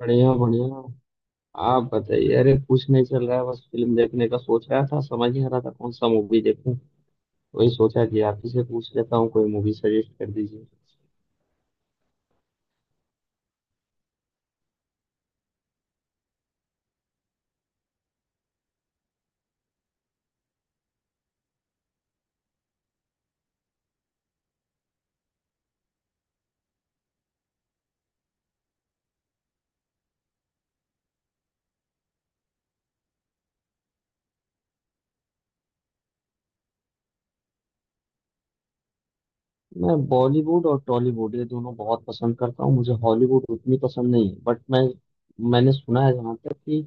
बढ़िया बढ़िया। आप बताइए। अरे कुछ नहीं चल रहा है, बस फिल्म देखने का सोच रहा था, समझ नहीं आ रहा था कौन सा मूवी देखूं। वही सोचा कि आप ही से पूछ लेता हूँ, कोई मूवी सजेस्ट कर दीजिए। मैं बॉलीवुड और टॉलीवुड ये दोनों बहुत पसंद करता हूँ। मुझे हॉलीवुड उतनी पसंद नहीं है, बट मैंने सुना है, जहाँ तक कि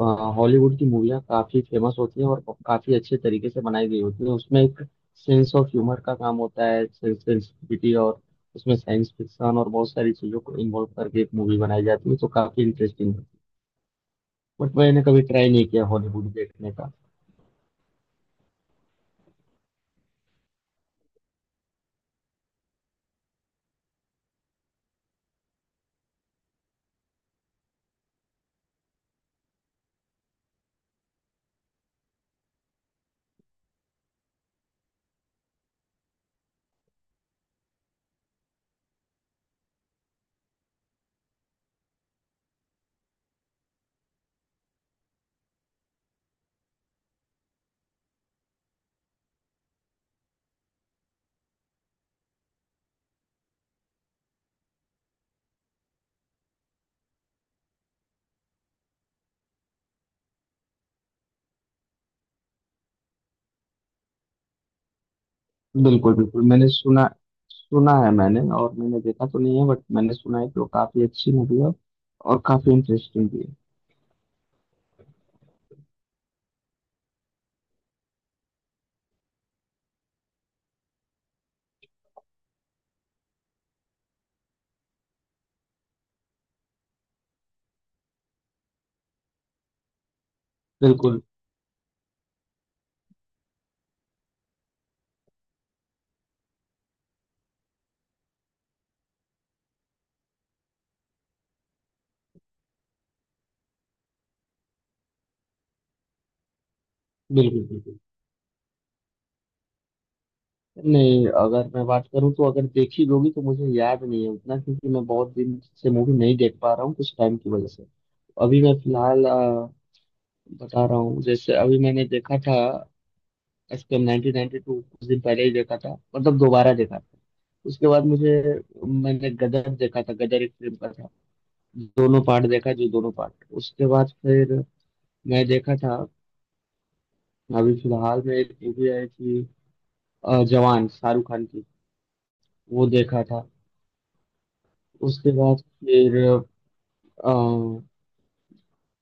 अ, हॉलीवुड की मूवियाँ काफ़ी फेमस होती हैं और काफ़ी अच्छे तरीके से बनाई गई होती हैं। उसमें एक सेंस ऑफ ह्यूमर का काम होता है, सेंसिटिविटी, और उसमें साइंस फिक्शन और बहुत सारी चीज़ों को इन्वॉल्व करके एक मूवी बनाई जाती है, तो काफ़ी इंटरेस्टिंग है। बट मैंने कभी ट्राई नहीं किया हॉलीवुड देखने का। बिल्कुल बिल्कुल। मैंने सुना सुना है मैंने, और मैंने देखा तो नहीं है, बट मैंने सुना है कि वो काफी अच्छी मूवी है और काफी इंटरेस्टिंग भी है। बिल्कुल बिल्कुल बिल्कुल। नहीं, अगर मैं बात करूं तो अगर देखी होगी तो मुझे याद नहीं है उतना, क्योंकि मैं बहुत दिन से मूवी नहीं देख पा रहा हूँ कुछ टाइम की वजह से। अभी मैं फिलहाल बता रहा हूँ, जैसे अभी मैंने देखा था एसपीएम 1992, कुछ दिन पहले ही देखा था, मतलब दोबारा देखा था। उसके बाद मुझे मैंने गदर देखा था। गदर एक फिल्म का था, दोनों पार्ट देखा जी, दोनों पार्ट। उसके बाद फिर मैं देखा था। अभी फिलहाल में एक मूवी आई थी, जवान, शाहरुख खान की, वो देखा था। उसके बाद फिर अ,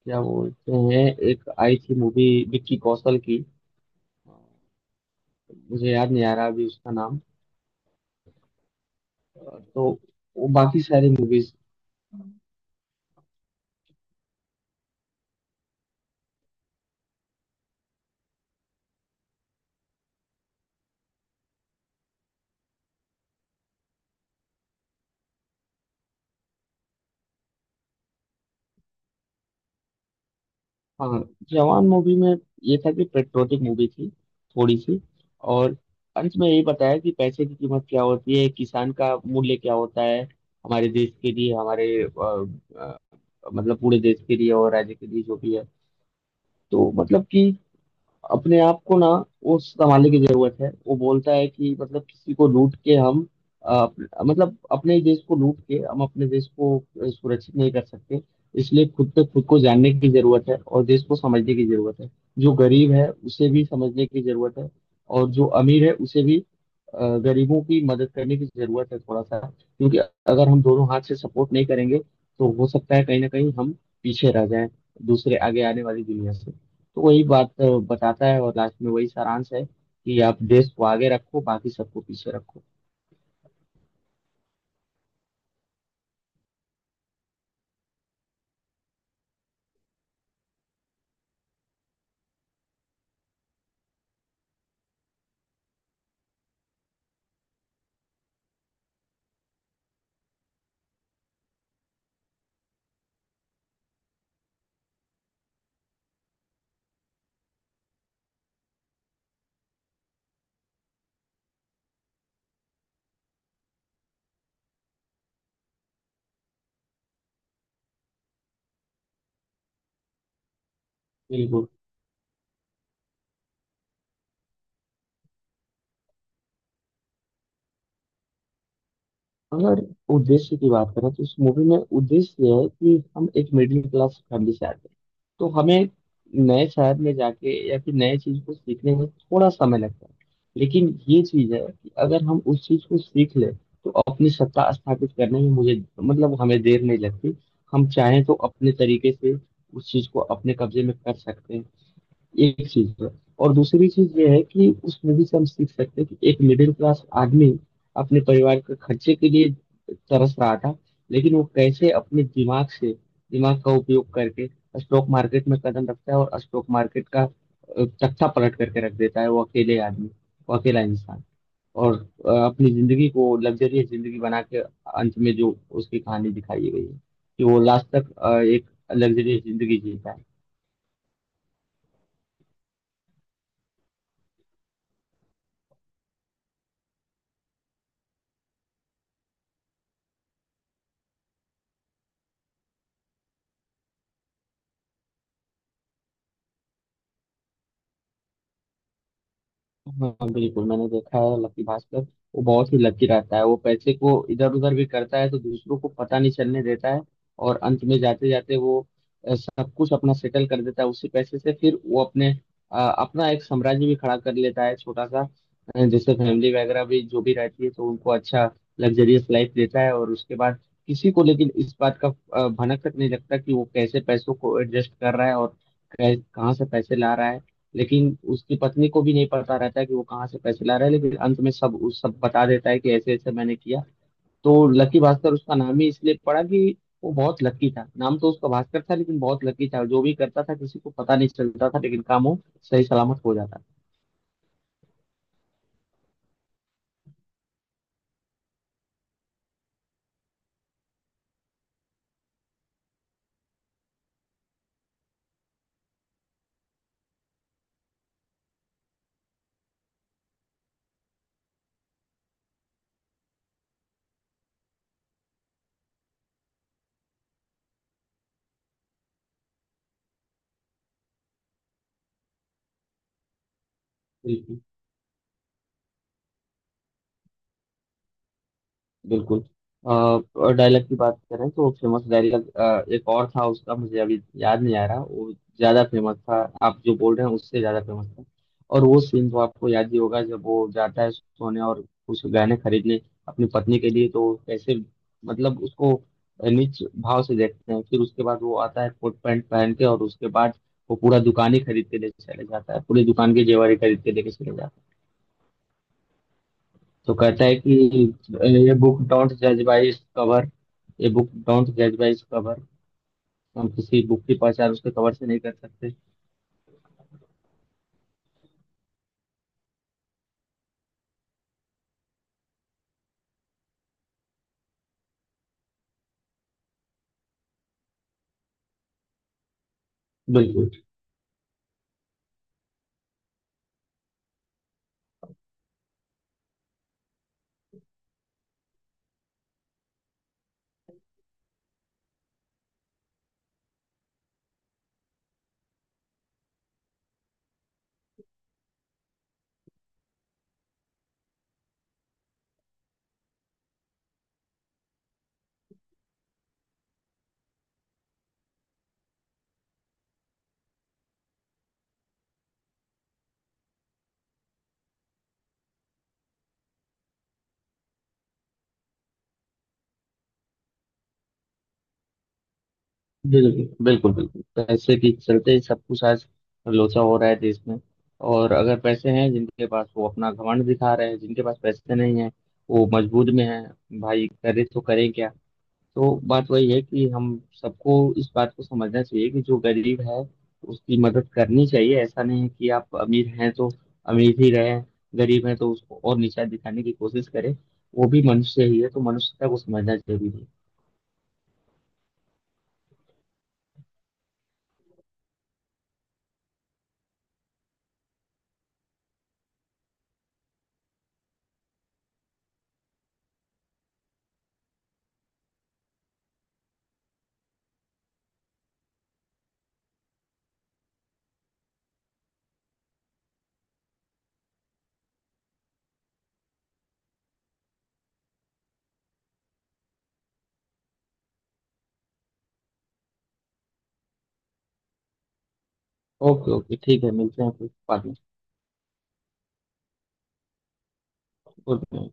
क्या बोलते हैं, एक आई थी मूवी विक्की कौशल की, मुझे याद नहीं आ रहा अभी उसका नाम। तो वो बाकी सारी मूवीज। हाँ, जवान मूवी में ये था कि पेट्रोटिक मूवी थी थोड़ी सी, और अंत में यही बताया कि पैसे की कीमत क्या होती है, किसान का मूल्य क्या होता है हमारे देश के लिए, हमारे अ, मतलब पूरे देश के लिए और राज्य के लिए, जो भी है। तो मतलब कि अपने आप को ना, वो संभालने की जरूरत है। वो बोलता है कि मतलब किसी को लूट के हम, मतलब अपने ही देश को लूट के हम अपने देश को सुरक्षित नहीं कर सकते। इसलिए खुद तक खुद को जानने की जरूरत है और देश को समझने की जरूरत है। जो गरीब है उसे भी समझने की जरूरत है, और जो अमीर है उसे भी। गरीबों की मदद करने की जरूरत है थोड़ा सा, क्योंकि अगर हम दोनों हाथ से सपोर्ट नहीं करेंगे तो हो सकता है कहीं ना कहीं हम पीछे रह जाएं, दूसरे आगे आने वाली दुनिया से। तो वही बात बताता है, और लास्ट में वही सारांश है कि आप देश को आगे रखो, बाकी सबको पीछे रखो। बिल्कुल। अगर उद्देश्य की बात करें तो इस मूवी में उद्देश्य यह है कि हम एक मिडिल क्लास फैमिली से आते हैं। तो हमें नए शहर में जाके या फिर नए चीज को सीखने में थोड़ा समय लगता है, लेकिन ये चीज है कि अगर हम उस चीज को सीख लें तो अपनी सत्ता स्थापित करने में मुझे, मतलब हमें, देर नहीं लगती। हम चाहें तो अपने तरीके से उस चीज को अपने कब्जे में कर सकते हैं। एक चीज़ है, और दूसरी चीज़ ये है कि उस मूवी से हम सीख सकते हैं कि एक मिडिल क्लास आदमी अपने परिवार के खर्चे के लिए तरस रहा था, लेकिन वो कैसे अपने दिमाग से दिमाग का उपयोग करके स्टॉक मार्केट में कदम रखता है और स्टॉक मार्केट का तख्ता पलट करके रख देता है, वो अकेले आदमी, वो अकेला इंसान। और अपनी जिंदगी को लग्जरियस जिंदगी बना के, अंत में जो उसकी कहानी दिखाई गई है कि वो लास्ट तक एक लग्जरियस जिंदगी जीता है। हाँ बिल्कुल, मैंने देखा है लक्की भास्कर। वो बहुत ही लकी रहता है, वो पैसे को इधर उधर भी करता है तो दूसरों को पता नहीं चलने देता है। और अंत में जाते जाते वो सब कुछ अपना सेटल कर देता है, उसी पैसे से। फिर वो अपना एक साम्राज्य भी खड़ा कर लेता है, छोटा सा। जैसे फैमिली वगैरह भी जो भी रहती है तो उनको अच्छा लग्जरियस लाइफ देता है। और उसके बाद किसी को, लेकिन, इस बात का भनक तक नहीं लगता कि वो कैसे पैसों को एडजस्ट कर रहा है और कहाँ से पैसे ला रहा है। लेकिन उसकी पत्नी को भी नहीं पता रहता है कि वो कहाँ से पैसे ला रहा है, लेकिन अंत में सब उस सब बता देता है कि ऐसे ऐसे मैंने किया। तो लकी भास्कर उसका नाम ही इसलिए पड़ा कि वो बहुत लकी था। नाम तो उसका भास्कर था, लेकिन बहुत लकी था, जो भी करता था किसी को पता नहीं चलता था, लेकिन काम वो सही सलामत हो जाता था। बिल्कुल। और डायलॉग की बात करें तो फेमस डायलॉग एक और था उसका, मुझे अभी याद नहीं आ रहा। वो ज्यादा फेमस था, आप जो बोल रहे हैं उससे ज्यादा फेमस था। और वो सीन तो आपको याद ही होगा जब वो जाता है सोने और कुछ गहने खरीदने अपनी पत्नी के लिए, तो कैसे मतलब उसको नीच भाव से देखते हैं। फिर उसके बाद वो आता है कोट पैंट पहन के, और उसके बाद वो पूरा दुकान ही खरीद के लेके चले जाता है, पूरी दुकान के जेवर ही खरीद के लेके चले जाता है। तो कहता है कि ये बुक डोंट जज बाय इट्स कवर, ये बुक डोंट जज बाय इट्स कवर। हम किसी बुक की पहचान उसके कवर से नहीं कर सकते। बिल्कुल बिल्कुल बिल्कुल बिल्कुल। पैसे के चलते ही सब कुछ आज लोचा हो रहा है देश में। और अगर पैसे हैं जिनके पास, वो अपना घमंड दिखा रहे हैं। जिनके पास पैसे नहीं है वो मजबूर में है, भाई करे तो करें क्या। तो बात वही है कि हम सबको इस बात को समझना चाहिए कि जो गरीब है उसकी मदद करनी चाहिए। ऐसा नहीं है कि आप अमीर हैं तो अमीर ही रहें, गरीब हैं तो उसको और नीचा दिखाने की कोशिश करें। वो भी मनुष्य ही है, तो मनुष्यता को समझना जरूरी है। ओके ओके, ठीक है, मिलते हैं फिर बाद में। Good night.